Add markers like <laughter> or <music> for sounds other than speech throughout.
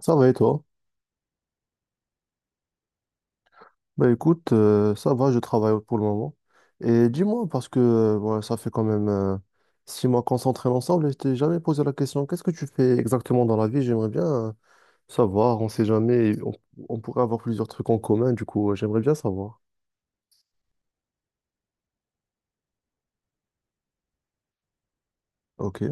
Ça va et toi? Bah écoute, ça va, je travaille pour le moment. Et dis-moi, parce que ouais, ça fait quand même 6 mois qu'on s'entraîne ensemble et je t'ai jamais posé la question, qu'est-ce que tu fais exactement dans la vie? J'aimerais bien savoir, on sait jamais, on pourrait avoir plusieurs trucs en commun, du coup, j'aimerais bien savoir. Ok,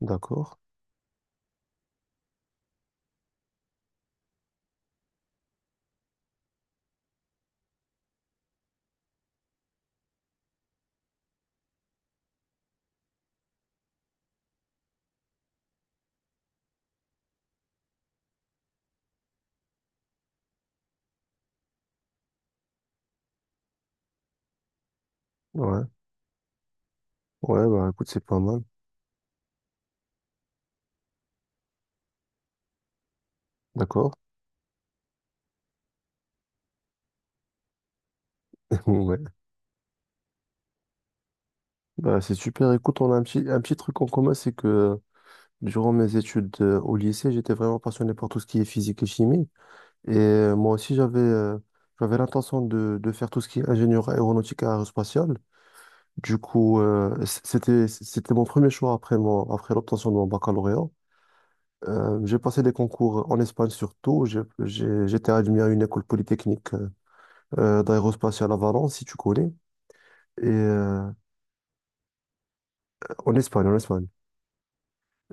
d'accord. Ouais, ouais, bah écoute, c'est pas mal. D'accord. <laughs> Ouais. Bah c'est super. Écoute, on a un petit truc en commun, c'est que durant mes études au lycée, j'étais vraiment passionné par tout ce qui est physique et chimie. Et moi aussi, j'avais l'intention de faire tout ce qui est ingénieur aéronautique et aérospatial. Du coup, c'était mon premier choix après l'obtention de mon baccalauréat. J'ai passé des concours en Espagne surtout. J'étais admis à une école polytechnique d'aérospatiale à Valence, si tu connais. Et en Espagne, en Espagne.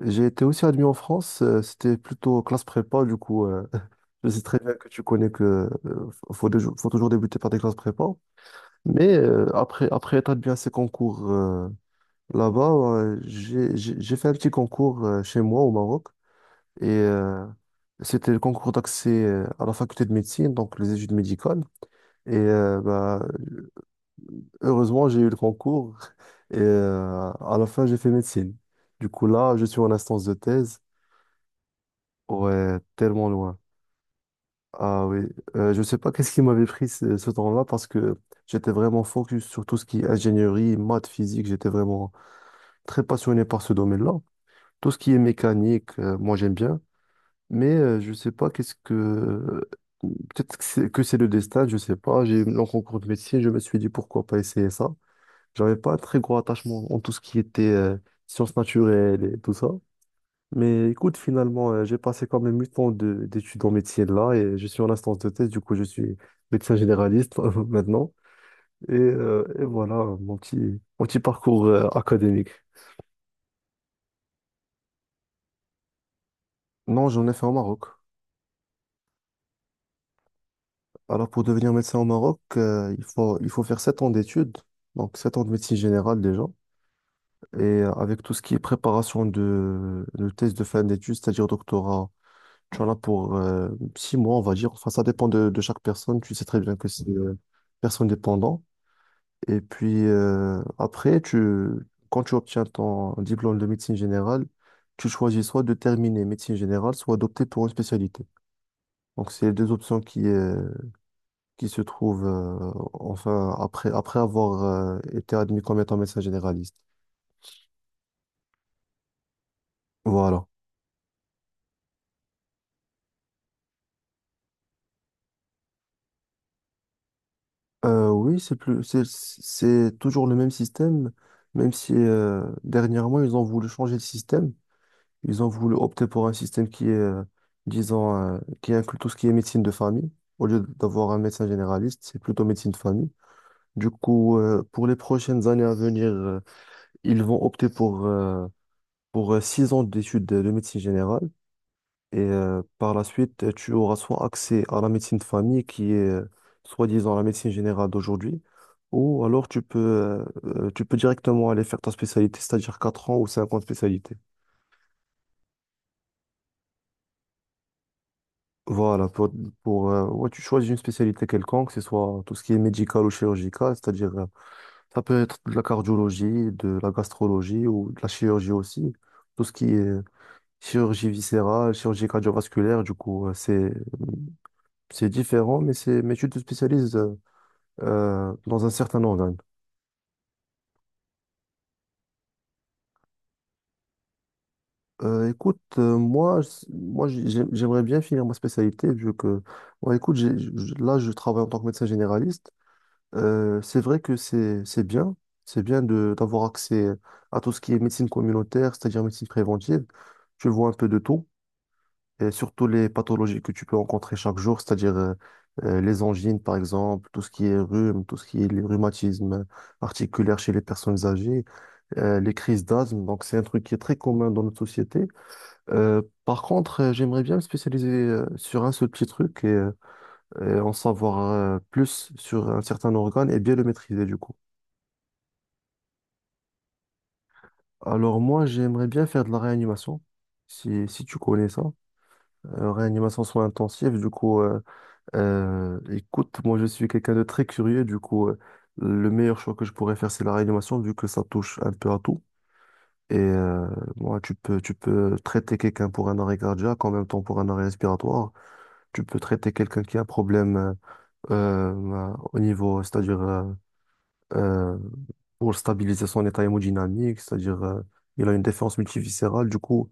J'ai été aussi admis en France. C'était plutôt classe prépa, du coup. <laughs> Je sais très bien que tu connais que euh, faut, faut toujours débuter par des classes prépa. Mais après être admis à ces concours là-bas, j'ai fait un petit concours chez moi au Maroc. Et c'était le concours d'accès à la faculté de médecine, donc les études médicales. Et bah, heureusement, j'ai eu le concours. <laughs> Et à la fin, j'ai fait médecine. Du coup, là, je suis en instance de thèse. Ouais, tellement loin. Ah oui. Je sais pas qu'est-ce qui m'avait pris ce temps-là parce que j'étais vraiment focus sur tout ce qui est ingénierie, maths, physique. J'étais vraiment très passionné par ce domaine-là. Tout ce qui est mécanique, moi j'aime bien, mais je sais pas qu'est-ce que... Peut-être que c'est le destin, je sais pas. J'ai eu mon concours de médecine, je me suis dit pourquoi pas essayer ça. J'avais pas un très gros attachement en tout ce qui était sciences naturelles et tout ça. Mais écoute, finalement, j'ai passé quand même 8 ans d'études en médecine là et je suis en instance de thèse, du coup je suis médecin généraliste <laughs> maintenant. Et voilà mon petit, mon petit parcours académique. Non, j'en ai fait au Maroc. Alors, pour devenir médecin au Maroc, il faut faire 7 ans d'études, donc 7 ans de médecine générale déjà, et avec tout ce qui est préparation de thèse de fin d'études, c'est-à-dire doctorat, tu en as pour 6 mois, on va dire. Enfin, ça dépend de chaque personne, tu sais très bien que c'est personne dépendant. Et puis après, quand tu obtiens ton diplôme de médecine générale, tu choisis soit de terminer médecine générale, soit d'opter pour une spécialité. Donc, c'est les deux options qui se trouve, enfin, après avoir été admis comme étant médecin généraliste. Voilà. Oui, c'est toujours le même système, même si dernièrement, ils ont voulu changer le système. Ils ont voulu opter pour un système qui est, disons, qui inclut tout ce qui est médecine de famille. Au lieu d'avoir un médecin généraliste, c'est plutôt médecine de famille. Du coup, pour les prochaines années à venir, ils vont opter pour 6 ans d'études de médecine générale. Et par la suite, tu auras soit accès à la médecine de famille, qui est soi-disant la médecine générale d'aujourd'hui, ou alors tu peux directement aller faire ta spécialité, c'est-à-dire 4 ans ou 5 ans de spécialité. Voilà, ouais, tu choisis une spécialité quelconque, que ce soit tout ce qui est médical ou chirurgical, c'est-à-dire ça peut être de la cardiologie, de la gastrologie ou de la chirurgie aussi, tout ce qui est chirurgie viscérale, chirurgie cardiovasculaire, du coup, c'est différent, mais c'est mais tu te spécialises dans un certain organe. Écoute, moi, j'aimerais bien finir ma spécialité vu que, ouais, écoute, là, je travaille en tant que médecin généraliste. C'est vrai que c'est bien, c'est bien de d'avoir accès à tout ce qui est médecine communautaire, c'est-à-dire médecine préventive. Tu vois un peu de tout, et surtout les pathologies que tu peux rencontrer chaque jour, c'est-à-dire les angines, par exemple, tout ce qui est rhume, tout ce qui est les rhumatismes articulaires chez les personnes âgées. Les crises d'asthme. Donc, c'est un truc qui est très commun dans notre société. Par contre, j'aimerais bien me spécialiser sur un seul petit truc et en savoir plus sur un certain organe et bien le maîtriser du coup. Alors, moi, j'aimerais bien faire de la réanimation. Si tu connais ça. Réanimation soins intensifs, du coup, écoute, moi je suis quelqu'un de très curieux, du coup, le meilleur choix que je pourrais faire, c'est la réanimation, vu que ça touche un peu à tout. Et moi, tu peux traiter quelqu'un pour un arrêt cardiaque, en même temps pour un arrêt respiratoire. Tu peux traiter quelqu'un qui a un problème au niveau, c'est-à-dire euh, pour stabiliser son état hémodynamique, c'est-à-dire il a une défense multiviscérale. Du coup,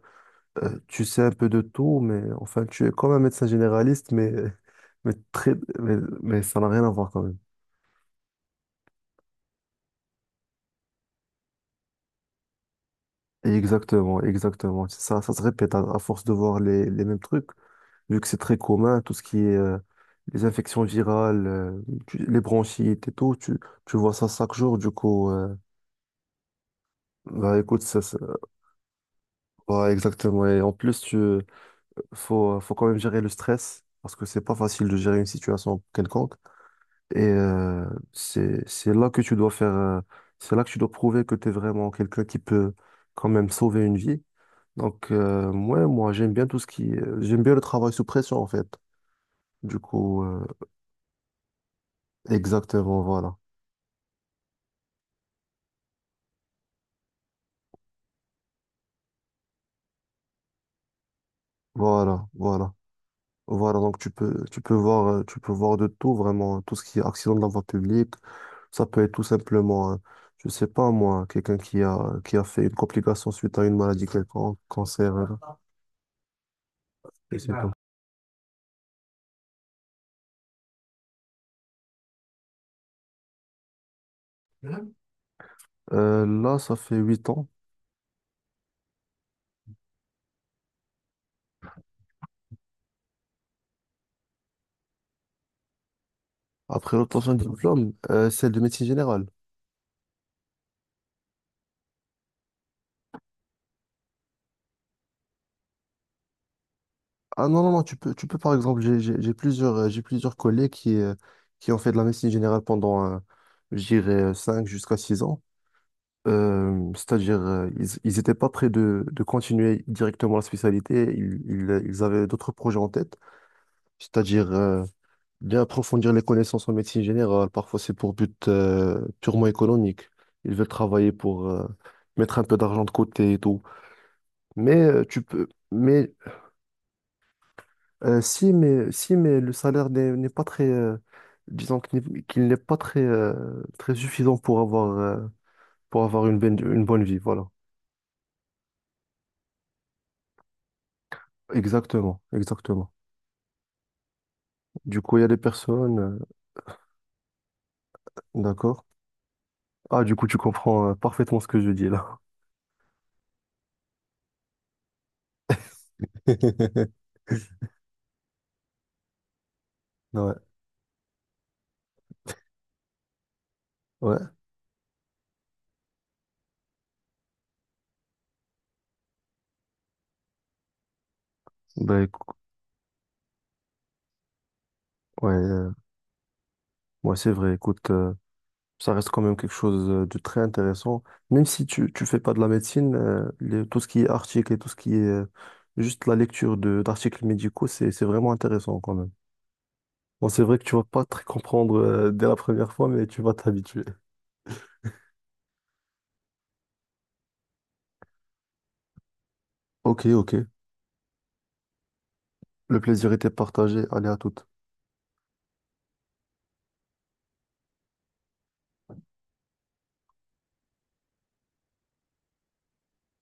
tu sais un peu de tout, mais enfin, tu es comme un médecin généraliste, mais, <laughs> mais, très, mais ça n'a rien à voir quand même. Exactement, exactement. C'est Ça se répète à force de voir les mêmes trucs, vu que c'est très commun, tout ce qui est les infections virales, les bronchites et tout, tu vois ça chaque jour, du coup, bah écoute, bah, exactement. Et en plus, faut quand même gérer le stress, parce que c'est pas facile de gérer une situation quelconque. Et c'est, c'est là que tu dois faire, euh, c'est là que tu dois prouver que tu es vraiment quelqu'un qui peut quand même sauver une vie. Donc, ouais, moi, j'aime bien tout ce qui... j'aime bien le travail sous pression, en fait. Du coup, exactement, voilà. Voilà, voilà. Voilà, donc tu peux voir de tout, vraiment, tout ce qui est accident de la voie publique. Ça peut être tout simplement, je sais pas, moi, quelqu'un qui a fait une complication suite à une maladie quelconque, cancer, je sais pas. Là, ça fait 8 ans. Après l'obtention du diplôme, c'est de médecine générale. Ah non, non, non, tu peux par exemple, j'ai plusieurs collègues qui ont fait de la médecine générale pendant, je dirais, 5 jusqu'à 6 ans. C'est-à-dire, ils étaient pas prêts de continuer directement la spécialité, ils avaient d'autres projets en tête, c'est-à-dire bien approfondir les connaissances en médecine générale, parfois c'est pour but purement économique, ils veulent travailler pour mettre un peu d'argent de côté et tout. Mais tu peux... Mais si, mais le salaire n'est pas très, disons qu'il n'est pas très, très suffisant pour avoir une bonne vie, voilà. Exactement, exactement. Du coup, il y a des personnes, d'accord. Ah, du coup, tu comprends, parfaitement ce que je dis là. <laughs> Ouais, ouais. Bah, ouais, ouais, c'est vrai, écoute. Ça reste quand même quelque chose de très intéressant. Même si tu fais pas de la médecine, tout ce qui est article et tout ce qui est juste la lecture de d'articles médicaux, c'est vraiment intéressant quand même. Bon, c'est vrai que tu vas pas très comprendre dès la première fois, mais tu vas t'habituer. Ok, ok. Le plaisir était partagé. Allez, à toute.